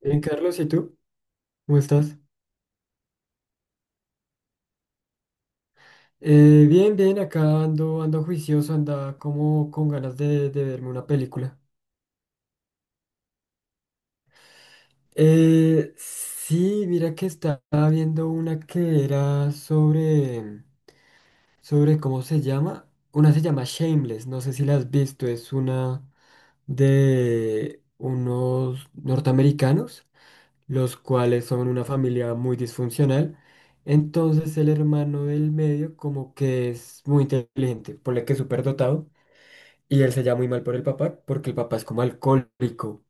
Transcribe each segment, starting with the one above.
Bien, Carlos, ¿y tú? ¿Cómo estás? Bien, bien, acá ando, ando juicioso, anda como con ganas de verme una película. Sí, mira que estaba viendo una que era sobre, ¿cómo se llama? Una se llama Shameless, no sé si la has visto, es una de unos norteamericanos los cuales son una familia muy disfuncional. Entonces el hermano del medio como que es muy inteligente, ponle que es súper dotado, y él se llama muy mal por el papá, porque el papá es como alcohólico.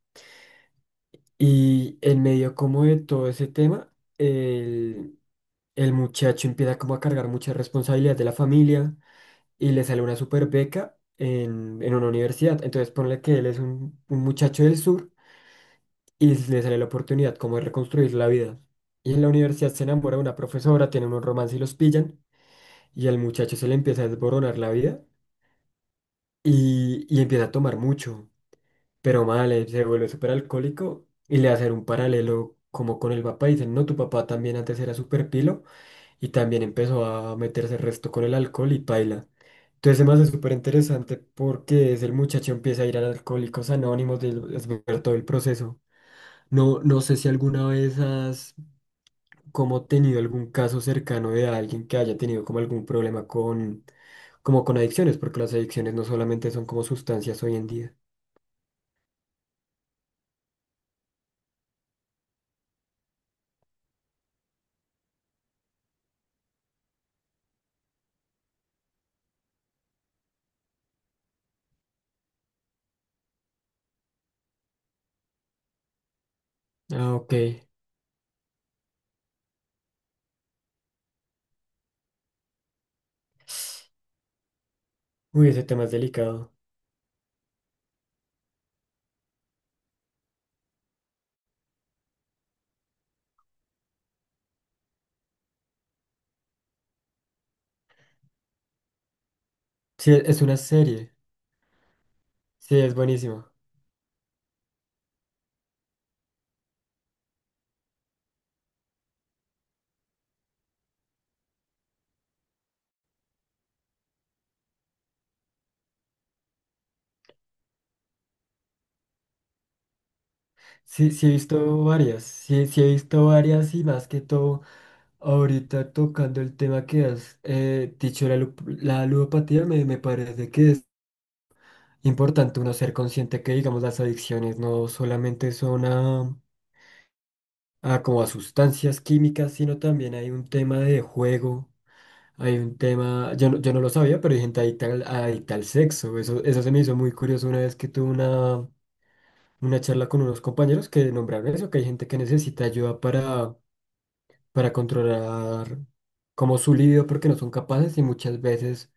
Y en medio como de todo ese tema, el, el muchacho empieza como a cargar muchas responsabilidades de la familia y le sale una super beca en una universidad. Entonces ponle que él es un muchacho del sur y le sale la oportunidad como de reconstruir la vida. Y en la universidad se enamora de una profesora, tienen un romance y los pillan, y al muchacho se le empieza a desboronar la vida y empieza a tomar mucho, pero mal, se vuelve súper alcohólico y le hacen un paralelo como con el papá, y dicen, no, tu papá también antes era súper pilo y también empezó a meterse el resto con el alcohol y paila. Entonces además es súper interesante porque es el muchacho empieza a ir a Alcohólicos Anónimos de, es ver todo el proceso. No, no sé si alguna vez has como tenido algún caso cercano de alguien que haya tenido como algún problema con, como con adicciones, porque las adicciones no solamente son como sustancias hoy en día. Ah, ok. Uy, ese tema es delicado. Sí, es una serie. Sí, es buenísimo. Sí, sí he visto varias. Sí, sí he visto varias y más que todo, ahorita tocando el tema que has dicho, la ludopatía, me parece que es importante uno ser consciente que, digamos, las adicciones no solamente son a como a sustancias químicas, sino también hay un tema de juego, hay un tema, yo no lo sabía, pero hay gente adicta al sexo. Eso se me hizo muy curioso una vez que tuve una charla con unos compañeros que nombraron eso, que hay gente que necesita ayuda para controlar como su libido porque no son capaces y muchas veces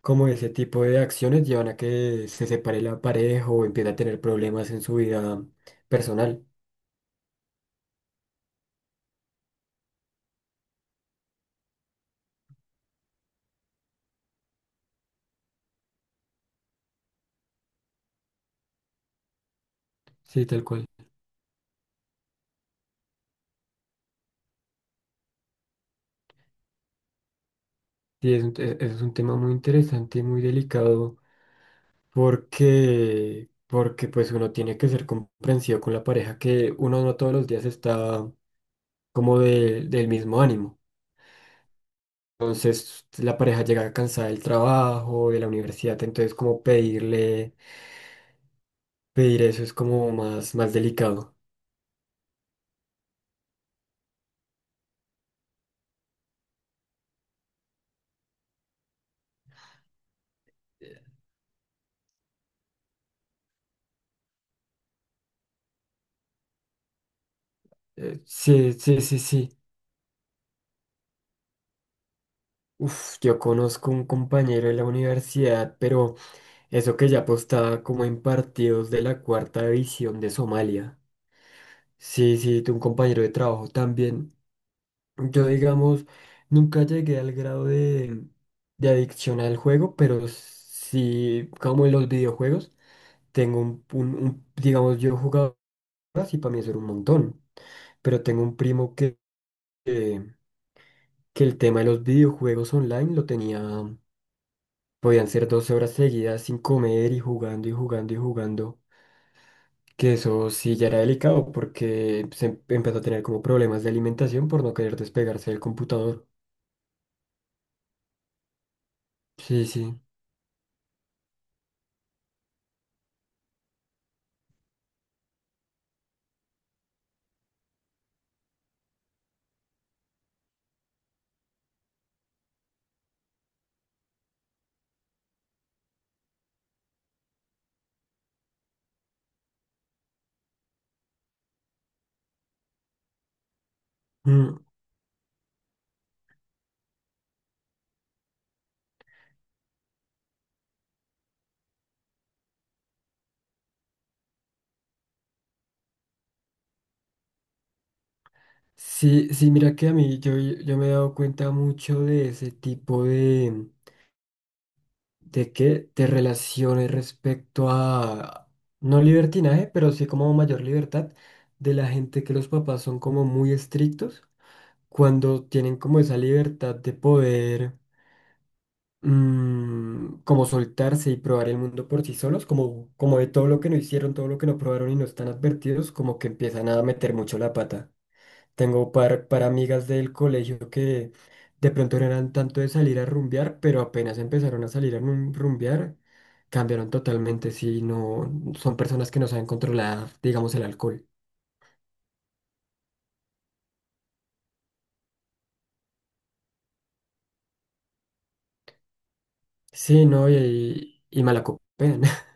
como ese tipo de acciones llevan a que se separe la pareja o empiece a tener problemas en su vida personal. Sí, tal cual. Sí, es es un tema muy interesante y muy delicado porque pues uno tiene que ser comprensivo con la pareja que uno no todos los días está como del mismo ánimo. Entonces la pareja llega cansada del trabajo, de la universidad, entonces como pedir eso es como más, más delicado. Sí, sí, sí, sí. Uf, yo conozco un compañero de la universidad, pero eso que ya apostaba como en partidos de la cuarta división de Somalia. Sí, sí, de un compañero de trabajo también. Yo, digamos, nunca llegué al grado de adicción al juego, pero sí, como en los videojuegos, tengo digamos, yo jugaba y para mí eso era un montón, pero tengo un primo que, que el tema de los videojuegos online lo tenía, podían ser 12 horas seguidas sin comer y jugando y jugando y jugando. Que eso sí ya era delicado porque empezó a tener como problemas de alimentación por no querer despegarse del computador. Sí, sí. Mm. Sí, sí, mira que a mí yo me he dado cuenta mucho de ese tipo de que de relaciones respecto a, no libertinaje, pero sí como mayor libertad de la gente que los papás son como muy estrictos cuando tienen como esa libertad de poder. Mm, como soltarse y probar el mundo por sí solos, como, como de todo lo que no hicieron, todo lo que no probaron y no están advertidos, como que empiezan a meter mucho la pata. Tengo par amigas del colegio que de pronto no eran tanto de salir a rumbear, pero apenas empezaron a salir a rumbear, cambiaron totalmente, si no, son personas que no saben controlar, digamos, el alcohol. Sí, no, y malacopean.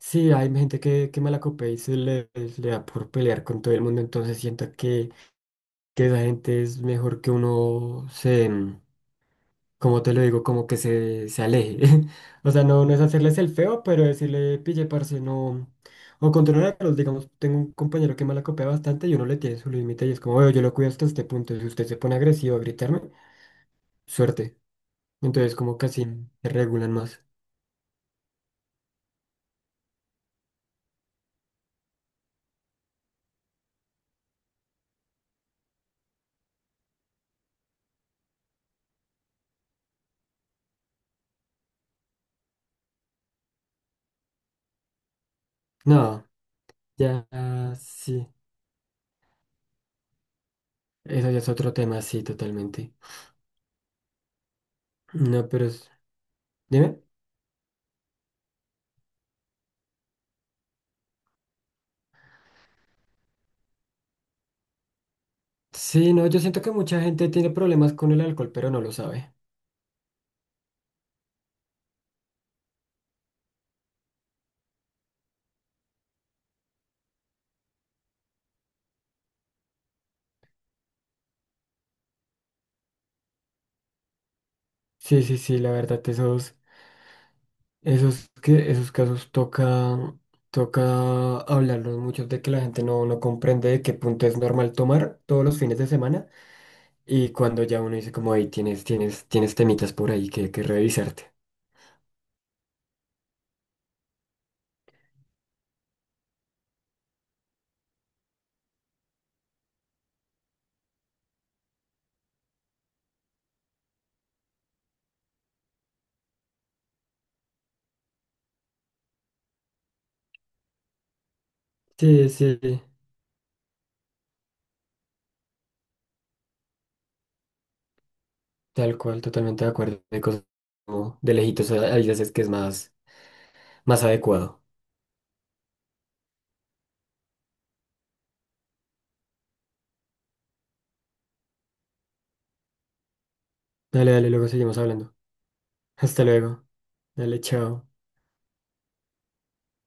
Sí, hay gente que malacopea y le da por pelear con todo el mundo, entonces siento que esa gente es mejor que uno se, mm, como te lo digo, como que se aleje. O sea, no, no es hacerles el feo, pero decirle, pille, parce, no. O controlarlos, digamos, tengo un compañero que me la copia bastante y uno le tiene su límite y es como, "Oye, yo lo cuido hasta este punto, si usted se pone agresivo a gritarme, suerte. Entonces, como casi se regulan más. No, ya, ah, sí. Eso ya es otro tema, sí, totalmente. No, pero es... Dime. Sí, no, yo siento que mucha gente tiene problemas con el alcohol, pero no lo sabe. Sí, sí, sí, la verdad, esos casos toca hablarlos mucho de que la gente no, no comprende de qué punto es normal tomar todos los fines de semana y cuando ya uno dice como, ahí tienes temitas por ahí que revisarte. Sí, sí, tal cual, totalmente de acuerdo. De cosas como de lejitos hay veces es que es más, más adecuado. Dale, dale, luego seguimos hablando. Hasta luego. Dale, chao.